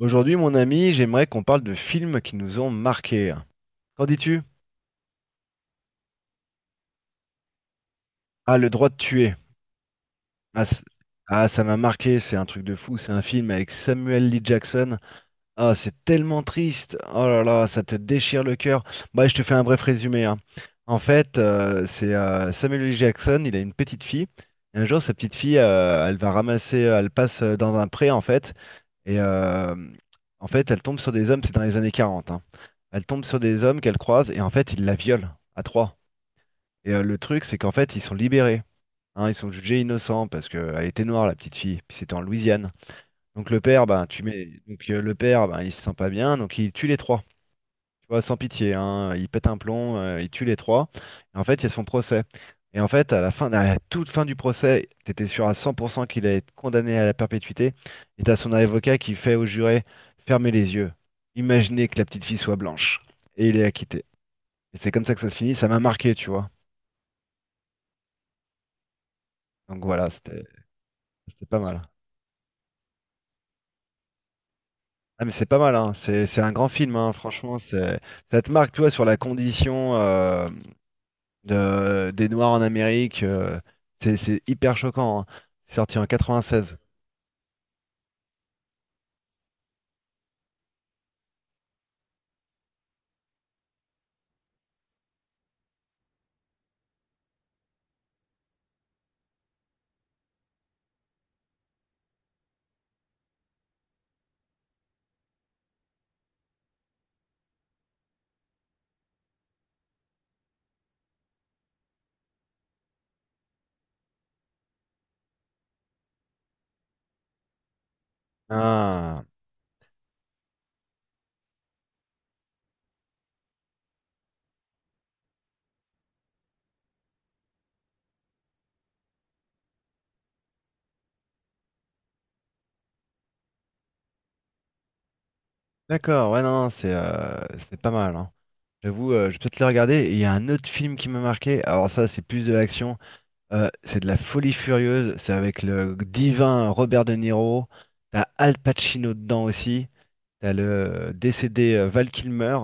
Aujourd'hui, mon ami, j'aimerais qu'on parle de films qui nous ont marqués. Qu'en dis-tu? Ah, Le droit de tuer. Ah, c- ah, ça m'a marqué, c'est un truc de fou. C'est un film avec Samuel L. Jackson. Ah, c'est tellement triste. Oh là là, ça te déchire le cœur. Bah, je te fais un bref résumé, hein. En fait, c'est Samuel L. Jackson, il a une petite fille. Et un jour, sa petite fille, elle va ramasser, elle passe dans un pré, en fait. Et euh, en fait, elle tombe sur des hommes, c'est dans les années 40, hein. Elle tombe sur des hommes qu'elle croise et en fait, ils la violent à trois. Et le truc, c'est qu'en fait, ils sont libérés, hein, ils sont jugés innocents parce qu'elle était noire, la petite fille. Puis c'était en Louisiane. Donc le père, ben, tu mets, donc le père, ben, il se sent pas bien, donc il tue les trois, tu vois, sans pitié, hein. Il pète un plomb, il tue les trois. Et en fait, il y a son procès. Et en fait, à la fin, à la toute fin du procès, t'étais sûr à 100% qu'il allait être condamné à la perpétuité. Et t'as son avocat qui fait au juré, fermez les yeux, imaginez que la petite fille soit blanche. Et il est acquitté. Et c'est comme ça que ça se finit, ça m'a marqué, tu vois. Donc voilà, c'était pas mal. Ah mais c'est pas mal, hein. C'est un grand film, hein. Franchement, c'est ça te marque, tu vois, sur la condition. Des Noirs en Amérique. C'est hyper choquant, hein. C'est sorti en 96. Ah, d'accord, ouais, non, non, c'est pas mal, hein. J'avoue, je vais peut-être le regarder. Et il y a un autre film qui m'a marqué. Alors, ça, c'est plus de l'action. C'est de la folie furieuse. C'est avec le divin Robert De Niro. T'as Al Pacino dedans aussi. T'as le décédé Val Kilmer.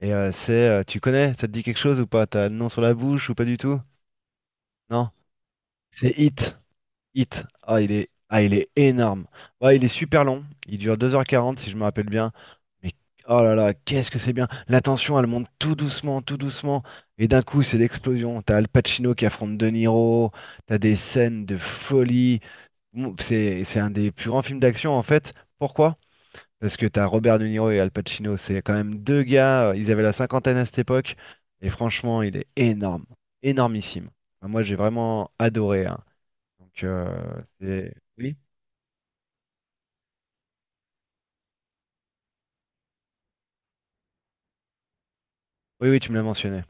Et c'est. Tu connais? Ça te dit quelque chose ou pas? T'as le nom sur la bouche ou pas du tout? Non? C'est Hit. Hit. Ah, il est énorme. Ouais, il est super long. Il dure 2h40 si je me rappelle bien. Mais oh là là, qu'est-ce que c'est bien. La tension, elle monte tout doucement, tout doucement. Et d'un coup, c'est l'explosion. T'as Al Pacino qui affronte De Niro. T'as des scènes de folie. Bon, c'est un des plus grands films d'action en fait. Pourquoi? Parce que t'as Robert De Niro et Al Pacino. C'est quand même deux gars. Ils avaient la cinquantaine à cette époque. Et franchement, il est énorme. Énormissime. Enfin, moi, j'ai vraiment adoré, hein. Donc, c'est... Oui? Oui, oui, tu me l'as mentionné.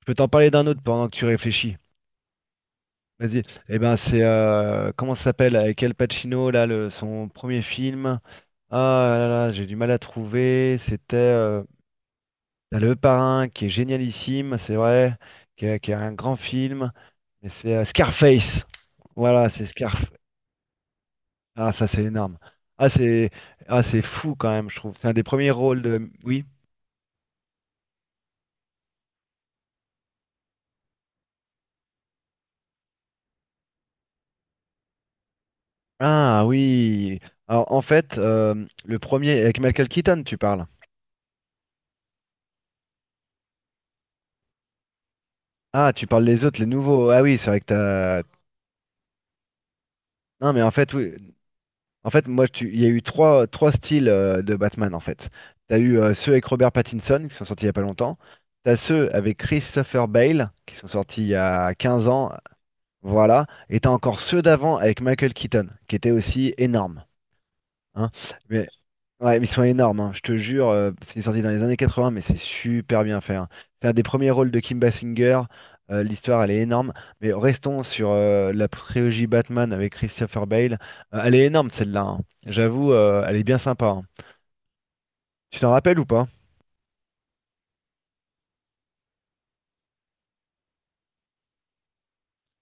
Je peux t'en parler d'un autre pendant que tu réfléchis. Vas-y. Eh ben, c'est... comment ça s'appelle? Avec Al Pacino, là, son premier film. Ah là là, j'ai du mal à trouver. C'était T'as Le Parrain, qui est génialissime, c'est vrai, qui est un grand film. Et c'est Scarface. Voilà, c'est Scarface. Ah, ça, c'est énorme. Ah, c'est fou quand même, je trouve. C'est un des premiers rôles de... Oui? Ah oui. Alors en fait, le premier avec Michael Keaton, tu parles. Ah, tu parles des autres, les nouveaux. Ah oui, c'est vrai que t'as. Non, mais en fait, oui. En fait, moi, tu... il y a eu trois styles de Batman, en fait. T'as eu ceux avec Robert Pattinson qui sont sortis il y a pas longtemps. T'as ceux avec Christopher Bale qui sont sortis il y a 15 ans. Voilà. Et t'as encore ceux d'avant avec Michael Keaton, qui étaient aussi énormes, hein. Mais Ouais, mais ils sont énormes, hein, je te jure. C'est sorti dans les années 80, mais c'est super bien fait, hein. C'est un des premiers rôles de Kim Basinger. L'histoire, elle est énorme. Mais restons sur la trilogie Batman avec Christopher Bale. Elle est énorme, celle-là, hein. J'avoue, elle est bien sympa, hein. Tu t'en rappelles ou pas?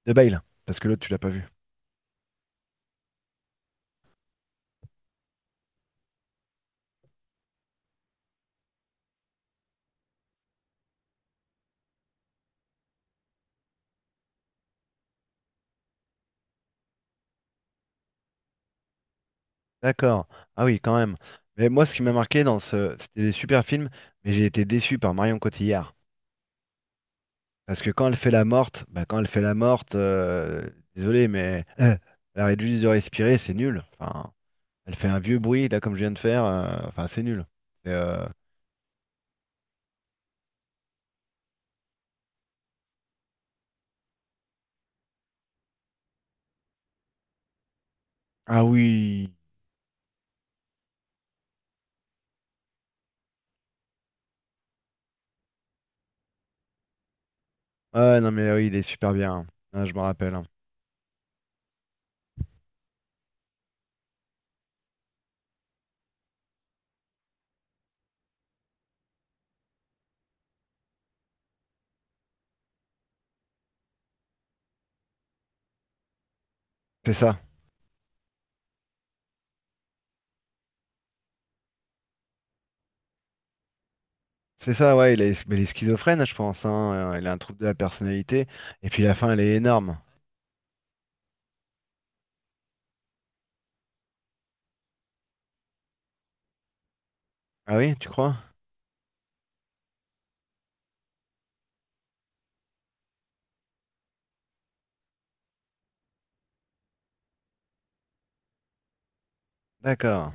De Bale, parce que l'autre, tu l'as pas vu. D'accord. Ah oui, quand même. Mais moi, ce qui m'a marqué dans ce... C'était des super films, mais j'ai été déçu par Marion Cotillard. Parce que quand elle fait la morte, désolé, mais elle arrête juste de respirer, c'est nul. Enfin, elle fait un vieux bruit, là, comme je viens de faire. Enfin, c'est nul. C'est, euh, Ah oui. Ah non, mais oui, il est super bien, hein. Ah, je me rappelle, hein. C'est ça. C'est ça, ouais. Mais il est schizophrène, je pense, hein. Il a un trouble de la personnalité. Et puis la fin, elle est énorme. Ah oui, tu crois? D'accord.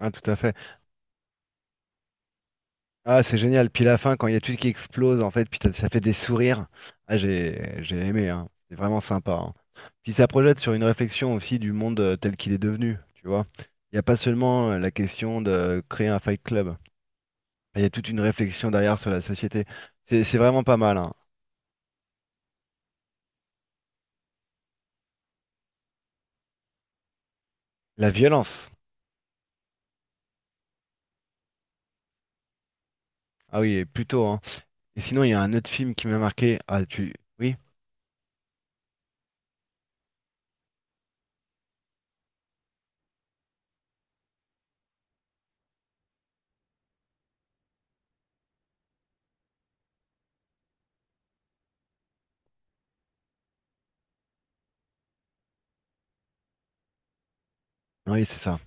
Ah, tout à fait. Ah, c'est génial. Puis la fin, quand il y a tout qui explose, en fait, puis ça fait des sourires. Ah, j'ai aimé, hein. C'est vraiment sympa, hein. Puis ça projette sur une réflexion aussi du monde tel qu'il est devenu, tu vois. Il n'y a pas seulement la question de créer un fight club. Il y a toute une réflexion derrière sur la société. C'est vraiment pas mal, hein. La violence. Ah oui, plutôt, hein. Et sinon, il y a un autre film qui m'a marqué. Ah, tu... Oui, oui, c'est ça.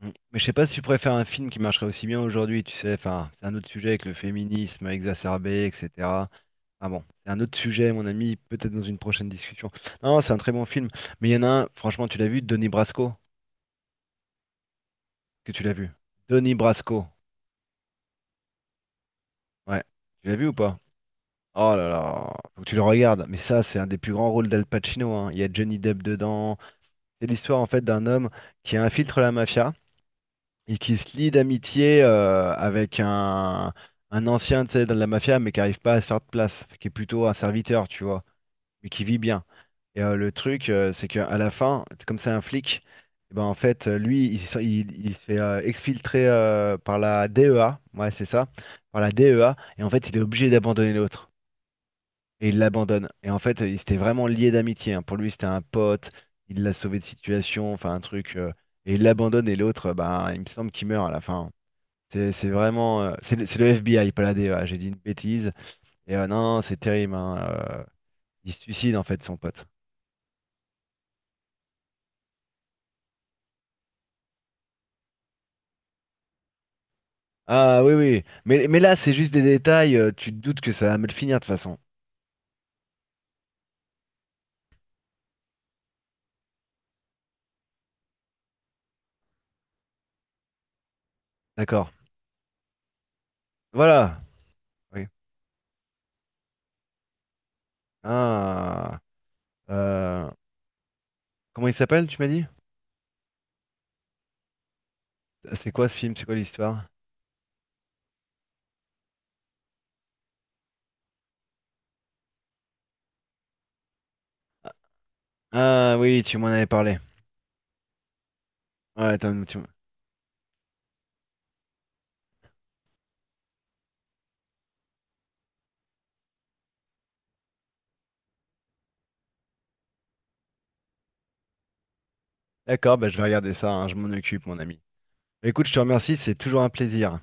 Mm. Mais je sais pas si tu préfères un film qui marcherait aussi bien aujourd'hui, tu sais. Enfin, c'est un autre sujet avec le féminisme exacerbé, etc. Ah bon, c'est un autre sujet, mon ami, peut-être dans une prochaine discussion. Non, c'est un très bon film, mais il y en a un, franchement, tu l'as vu, Donnie Brasco, est-ce que tu l'as vu. Donnie Brasco, ouais, tu l'as vu ou pas? Oh là là, faut que tu le regardes, mais ça, c'est un des plus grands rôles d'Al Pacino, hein. Il y a Johnny Depp dedans. C'est l'histoire, en fait, d'un homme qui infiltre la mafia et qui se lie d'amitié avec un, ancien, tu sais, de la mafia, mais qui n'arrive pas à se faire de place, qui est plutôt un serviteur, tu vois, mais qui vit bien. Et le truc, c'est qu'à la fin, comme c'est un flic, eh ben, en fait, lui, il se fait exfiltrer par la DEA, ouais, c'est ça, par la DEA, et en fait, il est obligé d'abandonner l'autre. Et il l'abandonne. Et en fait, il s'était vraiment lié d'amitié, hein. Pour lui, c'était un pote, il l'a sauvé de situation, enfin un truc. Et il l'abandonne, et l'autre, ben, il me semble qu'il meurt à la fin. C'est vraiment. C'est le FBI, pas la DEA, j'ai dit une bêtise. Non, c'est terrible, hein, il se suicide, en fait, son pote. Ah oui, oui. Mais là, c'est juste des détails. Tu te doutes que ça va mal finir de toute façon. D'accord. Voilà. Oui. Ah. Euh, Comment il s'appelle, tu m'as dit? C'est quoi ce film? C'est quoi l'histoire? Ah oui, tu m'en avais parlé. Ouais, d'accord, bah, je vais regarder ça, hein. Je m'en occupe, mon ami. Écoute, je te remercie. C'est toujours un plaisir.